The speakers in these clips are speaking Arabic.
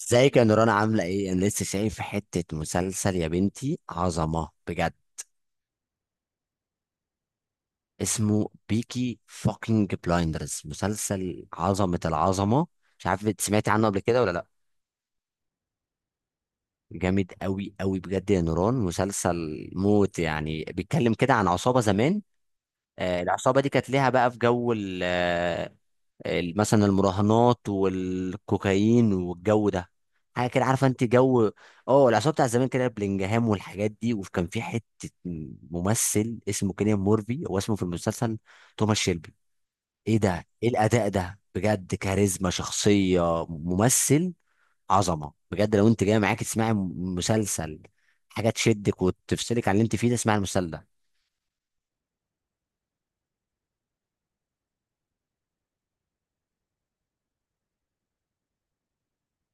ازيك يا نوران، عاملة ايه؟ انا لسه شايف حتة مسلسل يا بنتي، عظمة بجد. اسمه بيكي فوكينج بلايندرز، مسلسل عظمة العظمة. مش عارف انت سمعتي عنه قبل كده ولا لا. جامد قوي قوي بجد يا نوران، مسلسل موت يعني. بيتكلم كده عن عصابة زمان. آه، العصابة دي كانت ليها بقى في جو مثلا المراهنات والكوكايين والجو ده، حاجه كده، عارفه انت؟ جو اه العصابه بتاع زمان كده، بلينجهام والحاجات دي. وكان في حته ممثل اسمه كيليان مورفي، هو اسمه في المسلسل توماس شيلبي. ايه ده! ايه الاداء ده بجد! كاريزما، شخصيه، ممثل عظمه بجد. لو انت جاي معاك تسمعي مسلسل، حاجه تشدك وتفصلك عن اللي انت فيه ده، اسمعي المسلسل ده.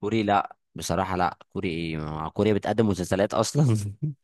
كوري؟ لا بصراحه، لا كوري ايه. كوريا بتقدم مسلسلات اصلا؟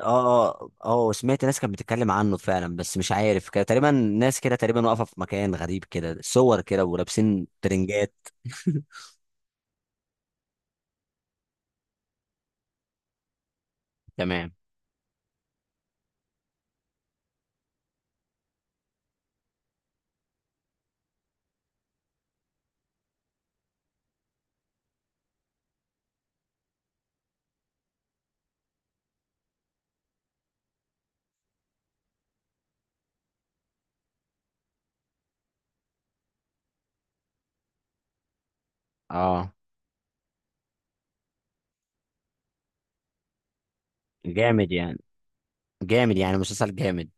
اه اه اه، سمعت ناس كانت بتتكلم عنه فعلا. بس مش عارف، كده تقريبا ناس كده، تقريبا واقفه في مكان غريب كده، صور كده ولابسين ترنجات. تمام. اه جامد يعني. جامد يعني، مسلسل جامد.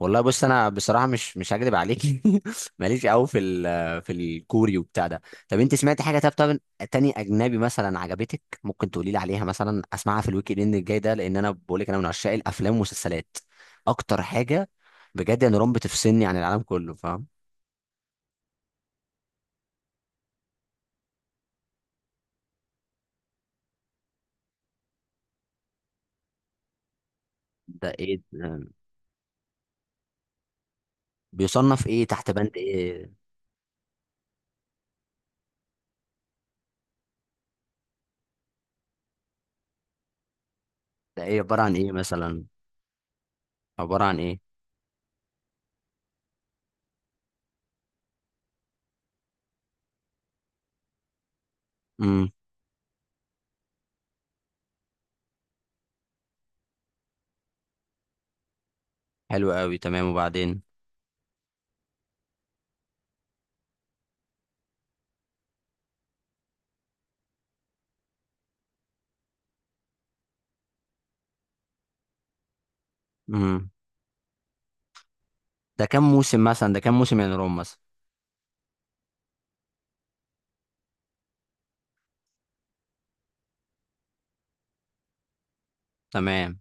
والله بص، انا بصراحه مش هكدب عليك. ماليش قوي في الكوري وبتاع ده. طب انت سمعت حاجه، طب تاني اجنبي مثلا عجبتك؟ ممكن تقولي لي عليها مثلا، اسمعها في الويك اند الجاي ده. لان انا بقول لك، انا من عشاق الافلام والمسلسلات اكتر حاجه. بجد يا نوران، بتفصلني عن العالم كله، فاهم؟ ده ايه ده؟ بيصنف ايه، تحت بند ايه؟ ده ايه، عباره عن ايه مثلا؟ عباره عن ايه؟ امم، حلو قوي، تمام وبعدين؟ امم، ده كام موسم مثلا؟ ده كام موسم يا نوران مثلا؟ تمام.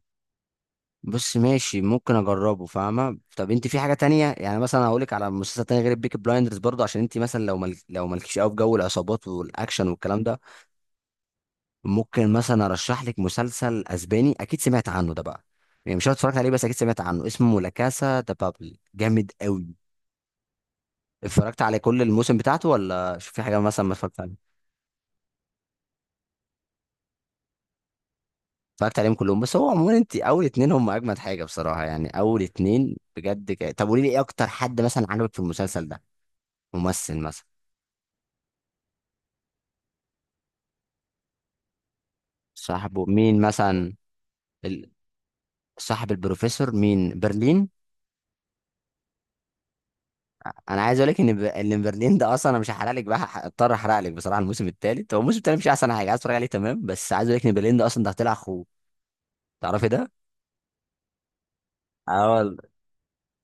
بص ماشي، ممكن اجربه، فاهمه؟ طب انت في حاجه تانية؟ يعني مثلا هقول لك على مسلسل تاني غير البيكي بلايندرز برضه، عشان انت مثلا لو لو مالكيش قوي في جو العصابات والاكشن والكلام ده. ممكن مثلا ارشح لك مسلسل اسباني، اكيد سمعت عنه ده بقى. يعني مش عارف اتفرجت عليه، بس اكيد سمعت عنه، اسمه لا كاسا ده بابل، جامد قوي. اتفرجت على كل الموسم بتاعته ولا شوف في حاجه مثلا ما اتفرجت عليه؟ اتفرجت عليهم كلهم. بس هو عموما، انت اول اتنين هم اجمد حاجه بصراحه. يعني اول اتنين بجد طب قولي لي، ايه اكتر حد مثلا عجبك في المسلسل ده؟ ممثل مثلا؟ صاحبه مين مثلا؟ ال- صاحب البروفيسور مين؟ برلين؟ انا عايز اقول لك ان برلين ده اصلا، انا مش هحرق لك بقى، اضطر احرق لك بصراحه. الموسم الثالث هو الموسم الثالث مش احسن حاجه عايز اتفرج عليه، تمام؟ بس عايز اقول لك ان برلين ده اصلا ده طلع اخوه، تعرفي ده؟ اه،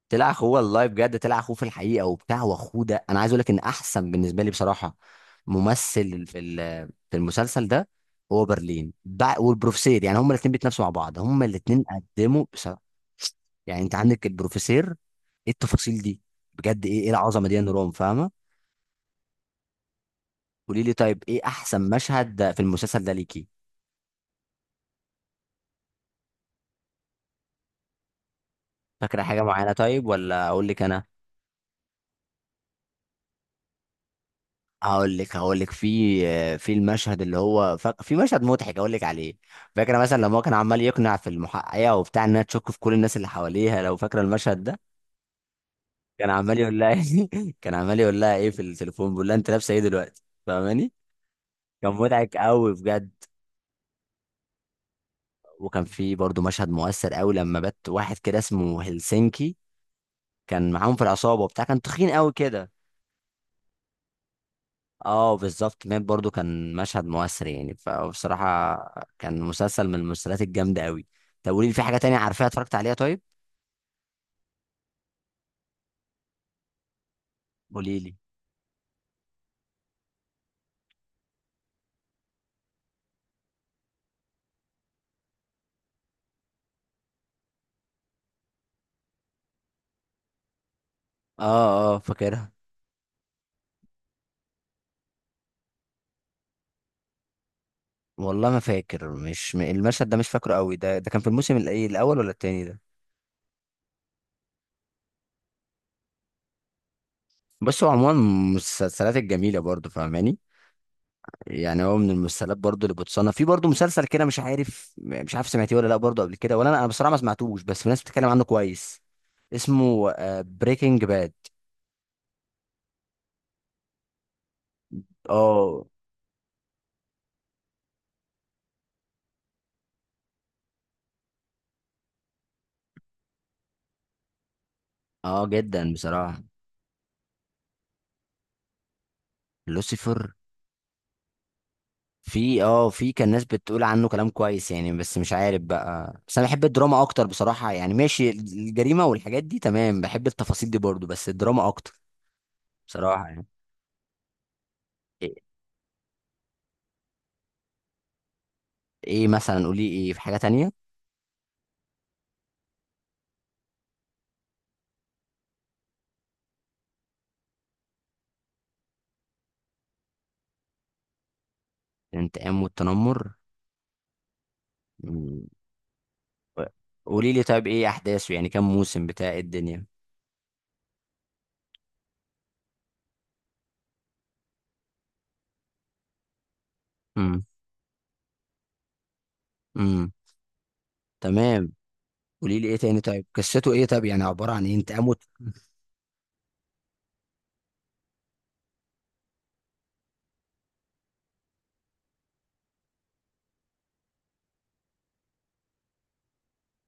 طلع اخوه والله بجد، طلع اخوه في الحقيقه وبتاع. واخوه ده انا عايز اقول لك ان احسن بالنسبه لي بصراحه ممثل في المسلسل ده. هو برلين والبروفيسير، يعني هما الاثنين بيتنافسوا مع بعض، هما الاثنين قدموا بصراحه. يعني انت عندك البروفيسير، ايه التفاصيل دي بجد؟ ايه ايه العظمه دي يا نوران، فاهمه؟ قولي لي طيب، ايه احسن مشهد في المسلسل ده ليكي؟ فاكره حاجه معينه طيب ولا اقول لك انا؟ هقول لك في في المشهد اللي هو ف... في مشهد مضحك هقول لك عليه. فاكره مثلا لما هو كان عمال يقنع في المحققه وبتاع انها تشك في كل الناس اللي حواليها، لو فاكره المشهد ده؟ كان عمال يقول لها، كان عمال يقول لها ايه في التليفون، بيقول لها انت لابسه ايه دلوقتي، فاهماني؟ كان مضحك قوي بجد. وكان في برضه مشهد مؤثر قوي لما بات واحد كده، اسمه هلسنكي، كان معاهم في العصابه وبتاع، كان تخين قوي كده. اه بالظبط، مات برضو، كان مشهد مؤثر يعني. فبصراحة كان مسلسل من المسلسلات الجامدة قوي. طب قولي لي، في حاجة تانية عارفاها اتفرجت عليها طيب؟ قولي لي. اه اه فاكرها. والله ما فاكر، مش م- المشهد ده مش فاكره قوي. ده كان في الموسم الايه، الاول ولا التاني ده؟ بس هو عموما من المسلسلات الجميلة برضو، فاهماني؟ يعني هو من المسلسلات برضو اللي بتصنف في، برضو مسلسل كده. مش عارف سمعتيه ولا لا برضو قبل كده ولا؟ انا بصراحة ما سمعتوش، بس في ناس بتتكلم عنه كويس. اسمه بريكنج باد، اه Breaking Bad. آه. اه جدا بصراحة. لوسيفر؟ في كان ناس بتقول عنه كلام كويس يعني، بس مش عارف بقى. بس انا بحب الدراما اكتر بصراحة يعني. ماشي، الجريمة والحاجات دي تمام، بحب التفاصيل دي برضو، بس الدراما اكتر بصراحة يعني. ايه؟ إيه مثلا؟ قولي، ايه في حاجة تانية؟ الانتقام والتنمر؟ مم. قولي لي طيب، ايه احداثه؟ يعني كام موسم بتاع إيه الدنيا؟ امم، امم، تمام. قولي لي ايه تاني طيب، قصته ايه طيب؟ يعني عبارة عن ايه؟ انتقام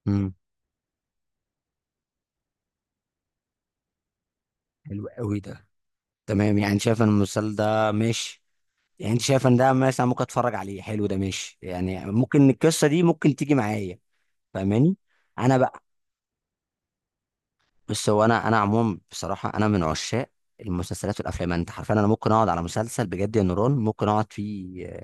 امم، حلو قوي ده، تمام. يعني شايف ان المسلسل ده ماشي، يعني انت شايف ان ده مثلا ممكن اتفرج عليه، حلو ده ماشي يعني، ممكن القصه دي ممكن تيجي معايا، فاهماني؟ انا بقى، بس هو انا عموما بصراحه، انا من عشاق المسلسلات والافلام. انت عارف، انا ممكن اقعد على مسلسل بجد يا نوران، ممكن اقعد فيه،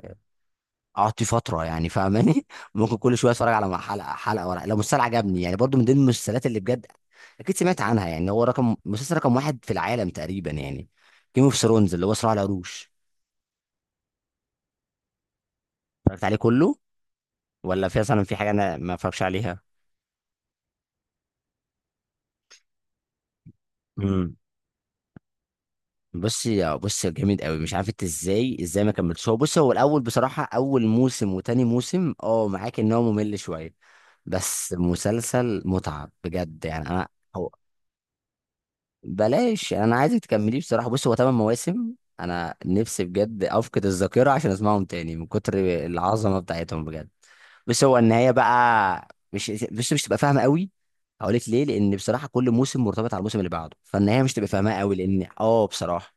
اقعد فيه فتره يعني، فاهماني؟ ممكن كل شويه اتفرج على حلقه حلقه ورا لو مسلسل عجبني، يعني برضو من ضمن المسلسلات اللي بجد اكيد سمعت عنها يعني، هو رقم مسلسل رقم واحد في العالم تقريبا يعني، جيم اوف ثرونز اللي هو صراع العروش. اتفرجت عليه كله ولا في مثلا في حاجه انا ما اتفرجش عليها؟ امم. بصي بصي جامد قوي. مش عارف انت ازاي ازاي ما كملتش. هو بصي، هو الاول بصراحه اول موسم وتاني موسم، اه معاك ان هو ممل شويه، بس مسلسل متعه بجد يعني انا. هو بلاش، انا عايزك تكمليه بصراحه. بص هو 8 مواسم، انا نفسي بجد افقد الذاكره عشان اسمعهم تاني من كتر العظمه بتاعتهم بجد. بس هو النهايه بقى مش تبقى فاهمه قوي. هقول لك ليه، لان بصراحه كل موسم مرتبط على الموسم اللي بعده، فالنهايه مش تبقى فاهمها قوي، لان اه بصراحه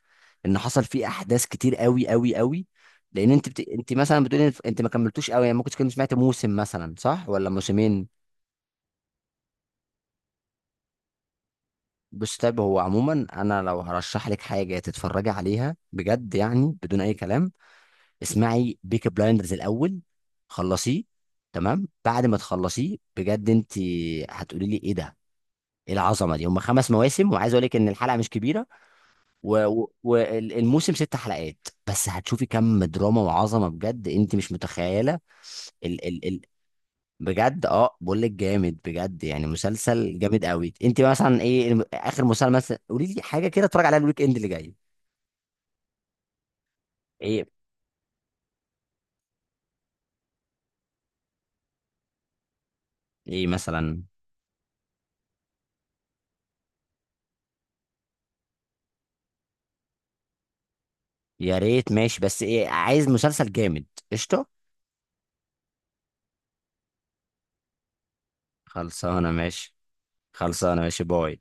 ان حصل فيه احداث كتير قوي قوي قوي. لان انت مثلا بتقولي انت ما كملتوش قوي يعني، ممكن تكون سمعت موسم مثلا صح ولا موسمين. بص طيب، هو عموما انا لو هرشح لك حاجه تتفرجي عليها بجد يعني بدون اي كلام، اسمعي بيك بلايندرز الاول، خلصيه. تمام، بعد ما تخلصيه بجد انت هتقولي لي ايه ده، ايه العظمه دي! هم 5 مواسم، وعايز اقول لك ان الحلقه مش كبيره والموسم 6 حلقات، بس هتشوفي كم دراما وعظمه بجد انت مش متخيله. بجد اه، بقول لك جامد بجد يعني مسلسل جامد قوي. انت مثلا ايه اخر مسلسل مثلا؟ قولي لي حاجه كده اتفرج عليها الويك اند اللي جاي. ايه؟ ايه مثلا؟ يا ريت ماشي، بس ايه، عايز مسلسل جامد. قشطه. خلصانه ماشي. خلصانه ماشي، باي.